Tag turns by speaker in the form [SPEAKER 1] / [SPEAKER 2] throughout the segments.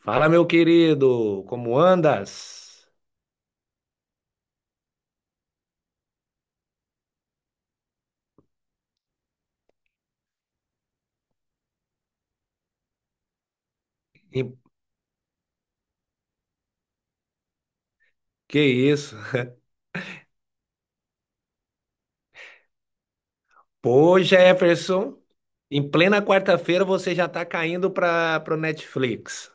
[SPEAKER 1] Fala, meu querido, como andas? E- Que isso? Pô, Jefferson, em plena quarta-feira você já tá caindo para pro Netflix.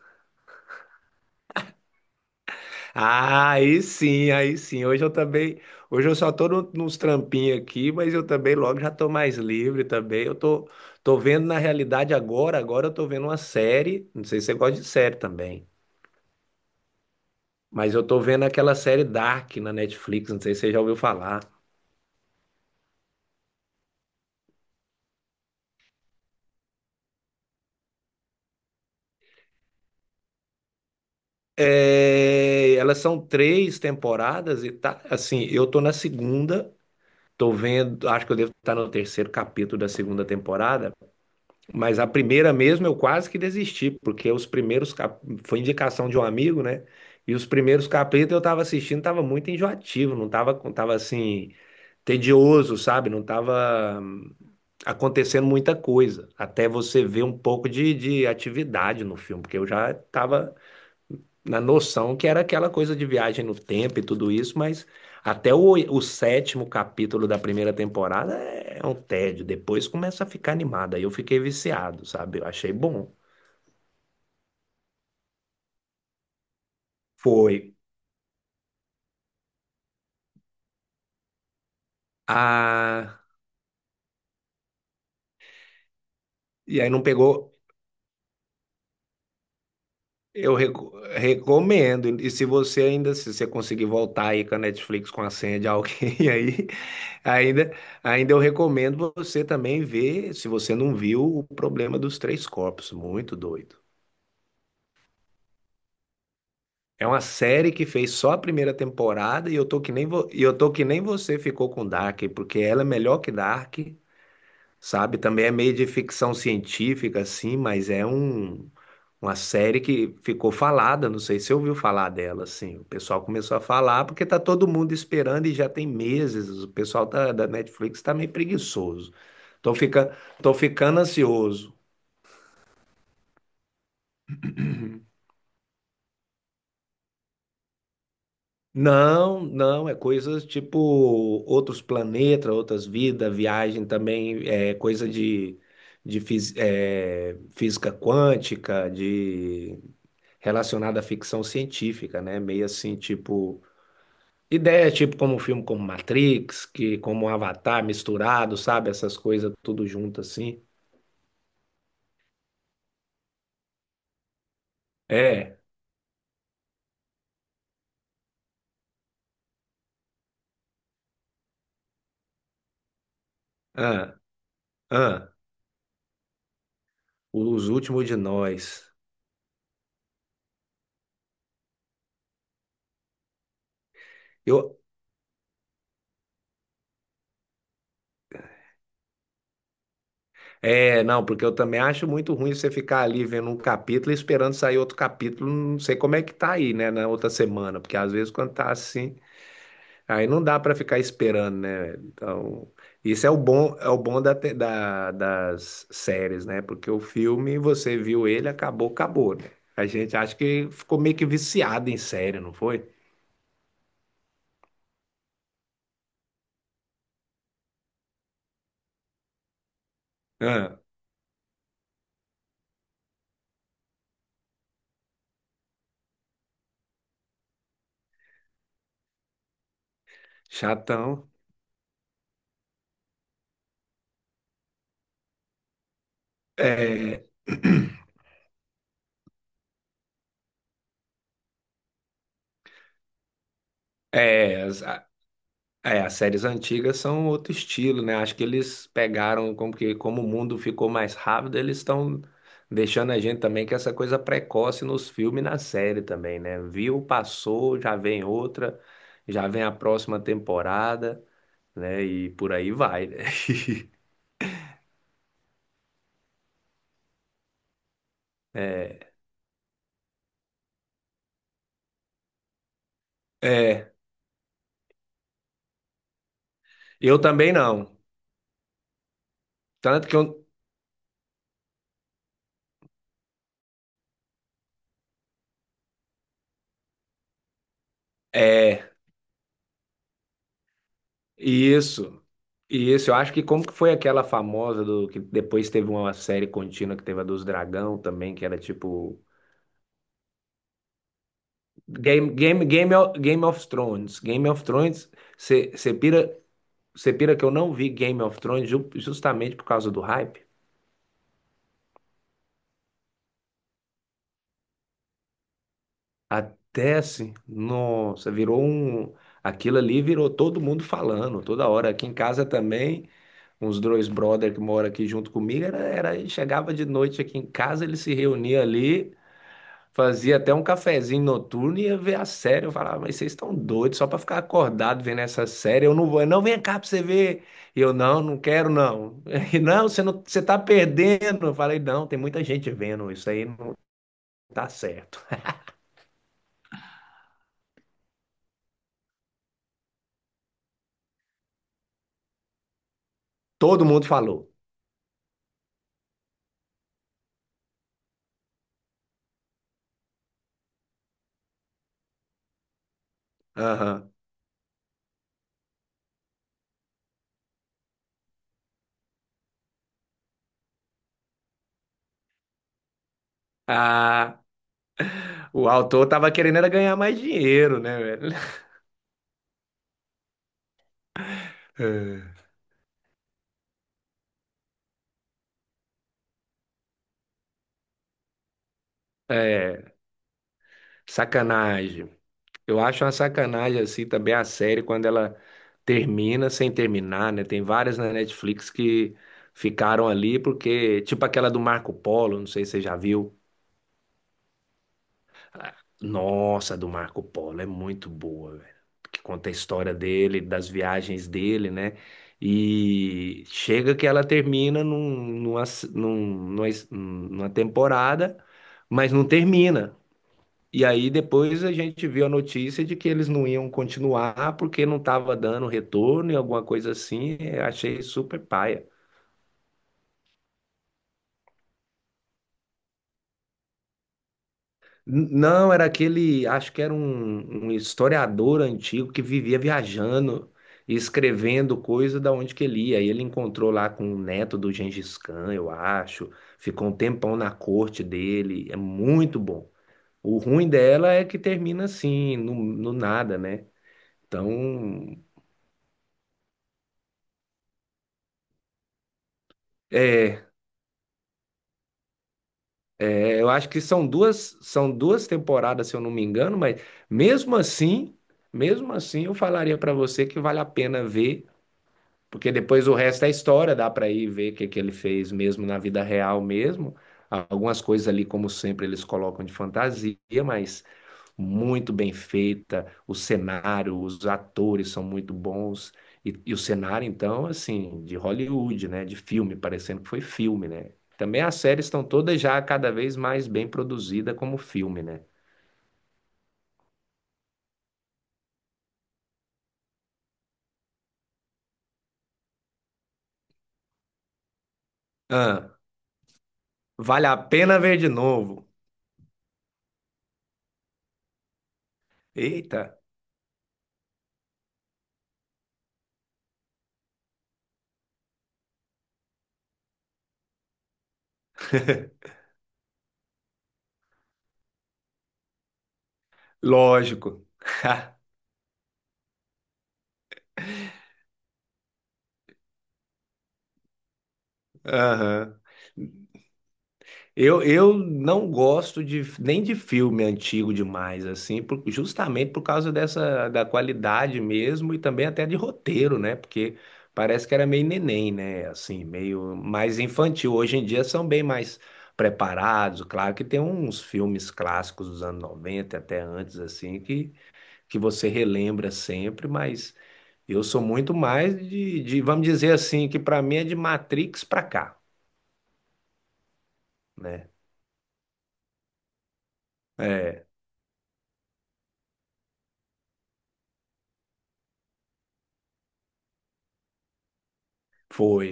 [SPEAKER 1] Ah, aí sim, aí sim. Hoje eu também, hoje eu só tô nos trampinhos aqui, mas eu também logo já tô mais livre também. Eu tô vendo na realidade agora. Agora eu tô vendo uma série, não sei se você gosta de série também, mas eu tô vendo aquela série Dark na Netflix, não sei se você já ouviu falar. É, elas são três temporadas e tá. Assim, eu tô na segunda, tô vendo, acho que eu devo estar no terceiro capítulo da segunda temporada, mas a primeira mesmo eu quase que desisti, porque foi indicação de um amigo, né? E os primeiros capítulos eu tava assistindo, tava muito enjoativo, não tava, tava assim, tedioso, sabe? Não tava acontecendo muita coisa. Até você ver um pouco de atividade no filme, porque eu já tava na noção que era aquela coisa de viagem no tempo e tudo isso, mas até o sétimo capítulo da primeira temporada é um tédio. Depois começa a ficar animada. Aí eu fiquei viciado, sabe? Eu achei bom. Foi. Ah, e aí não pegou. Eu recomendo. E se você ainda, se você conseguir voltar aí com a Netflix com a senha de alguém aí, ainda, ainda eu recomendo você também ver, se você não viu, o problema dos três corpos. Muito doido. É uma série que fez só a primeira temporada e eu tô que nem você ficou com Dark, porque ela é melhor que Dark, sabe? Também é meio de ficção científica, assim, mas é uma série que ficou falada. Não sei se você ouviu falar dela, assim. O pessoal começou a falar porque tá todo mundo esperando e já tem meses. O pessoal da Netflix tá meio preguiçoso. Tô fica... tô ficando ansioso. Não, não, é coisas tipo outros planetas, outras vidas, viagem também, é coisa de física quântica, de relacionada à ficção científica, né? Meio assim, tipo, ideia tipo como um filme como Matrix, que como um Avatar misturado, sabe? Essas coisas tudo junto assim. É, ah, ah, os últimos de nós. Eu, É, não, porque eu também acho muito ruim você ficar ali vendo um capítulo e esperando sair outro capítulo. Não sei como é que tá aí, né, na outra semana, porque às vezes quando tá assim, aí não dá pra ficar esperando, né? Então, isso é o bom das séries, né? Porque o filme, você viu ele, acabou, acabou, né? A gente acha que ficou meio que viciado em série, não foi? Ah, chatão. É. é, as séries antigas são outro estilo, né? Acho que eles pegaram como que como o mundo ficou mais rápido, eles estão deixando a gente também com essa coisa precoce nos filmes e na série também, né? Viu, passou, já vem outra, já vem a próxima temporada, né? E por aí vai, né? É, é, eu também não. Tanto que eu, é, isso. E isso, eu acho que como que foi aquela famosa do que depois teve uma série contínua que teve a dos Dragão também, que era tipo Game of Thrones. Game of Thrones, você pira, você pira que eu não vi Game of Thrones justamente por causa do hype. Até assim, nossa, virou um. Aquilo ali virou todo mundo falando, toda hora. Aqui em casa também, uns dois brother que moram aqui junto comigo, era, chegava de noite aqui em casa, eles se reuniam ali. Fazia até um cafezinho noturno e ia ver a série. Eu falava, mas vocês estão doidos só pra ficar acordado vendo essa série. Eu não vou, não, vem cá pra você ver. E eu, não, não quero, não. E não, você não, você tá perdendo. Eu falei, não, tem muita gente vendo, isso aí não tá certo. Todo mundo falou. Aham. Ah, o autor tava querendo era ganhar mais dinheiro, né, velho? É, sacanagem. Eu acho uma sacanagem assim também a série quando ela termina sem terminar, né? Tem várias na Netflix que ficaram ali porque, tipo aquela do Marco Polo, não sei se você já viu. Nossa, a do Marco Polo é muito boa, velho. Que conta a história dele, das viagens dele, né? E chega que ela termina numa temporada, mas não termina. E aí depois a gente viu a notícia de que eles não iam continuar porque não estava dando retorno e alguma coisa assim. Eu achei super paia. Não, era aquele, acho que era um historiador antigo que vivia viajando e escrevendo coisa da onde que ele ia. E ele encontrou lá com o neto do Gengis Khan, eu acho. Ficou um tempão na corte dele. É muito bom. O ruim dela é que termina assim, no nada, né? Então, é, eu acho que são duas temporadas, se eu não me engano, mas mesmo assim, mesmo assim, eu falaria para você que vale a pena ver porque depois o resto é história, dá para ir ver o que que ele fez mesmo na vida real mesmo. Algumas coisas ali, como sempre, eles colocam de fantasia, mas muito bem feita. O cenário, os atores são muito bons. E o cenário, então, assim, de Hollywood, né? De filme, parecendo que foi filme, né? Também as séries estão todas já cada vez mais bem produzidas como filme, né? Ah, vale a pena ver de novo. Eita, lógico. Aham. Eu não gosto nem de filme antigo demais, assim, justamente por causa dessa, da qualidade mesmo e também até de roteiro, né? Porque parece que era meio neném, né? Assim, meio mais infantil. Hoje em dia são bem mais preparados. Claro que tem uns filmes clássicos dos anos 90 até antes, assim, que você relembra sempre, mas eu sou muito mais vamos dizer assim, que para mim é de Matrix pra cá, né? É. Foi.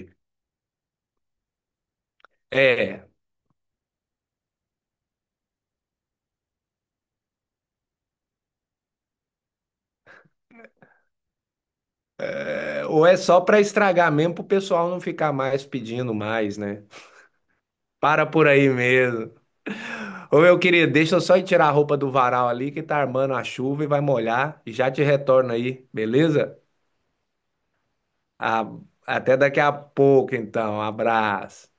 [SPEAKER 1] É. Ou é só para estragar mesmo pro pessoal não ficar mais pedindo mais, né? Para por aí mesmo. Ô meu querido, deixa eu só ir tirar a roupa do varal ali que tá armando a chuva e vai molhar e já te retorno aí, beleza? Ah, até daqui a pouco então. Abraço.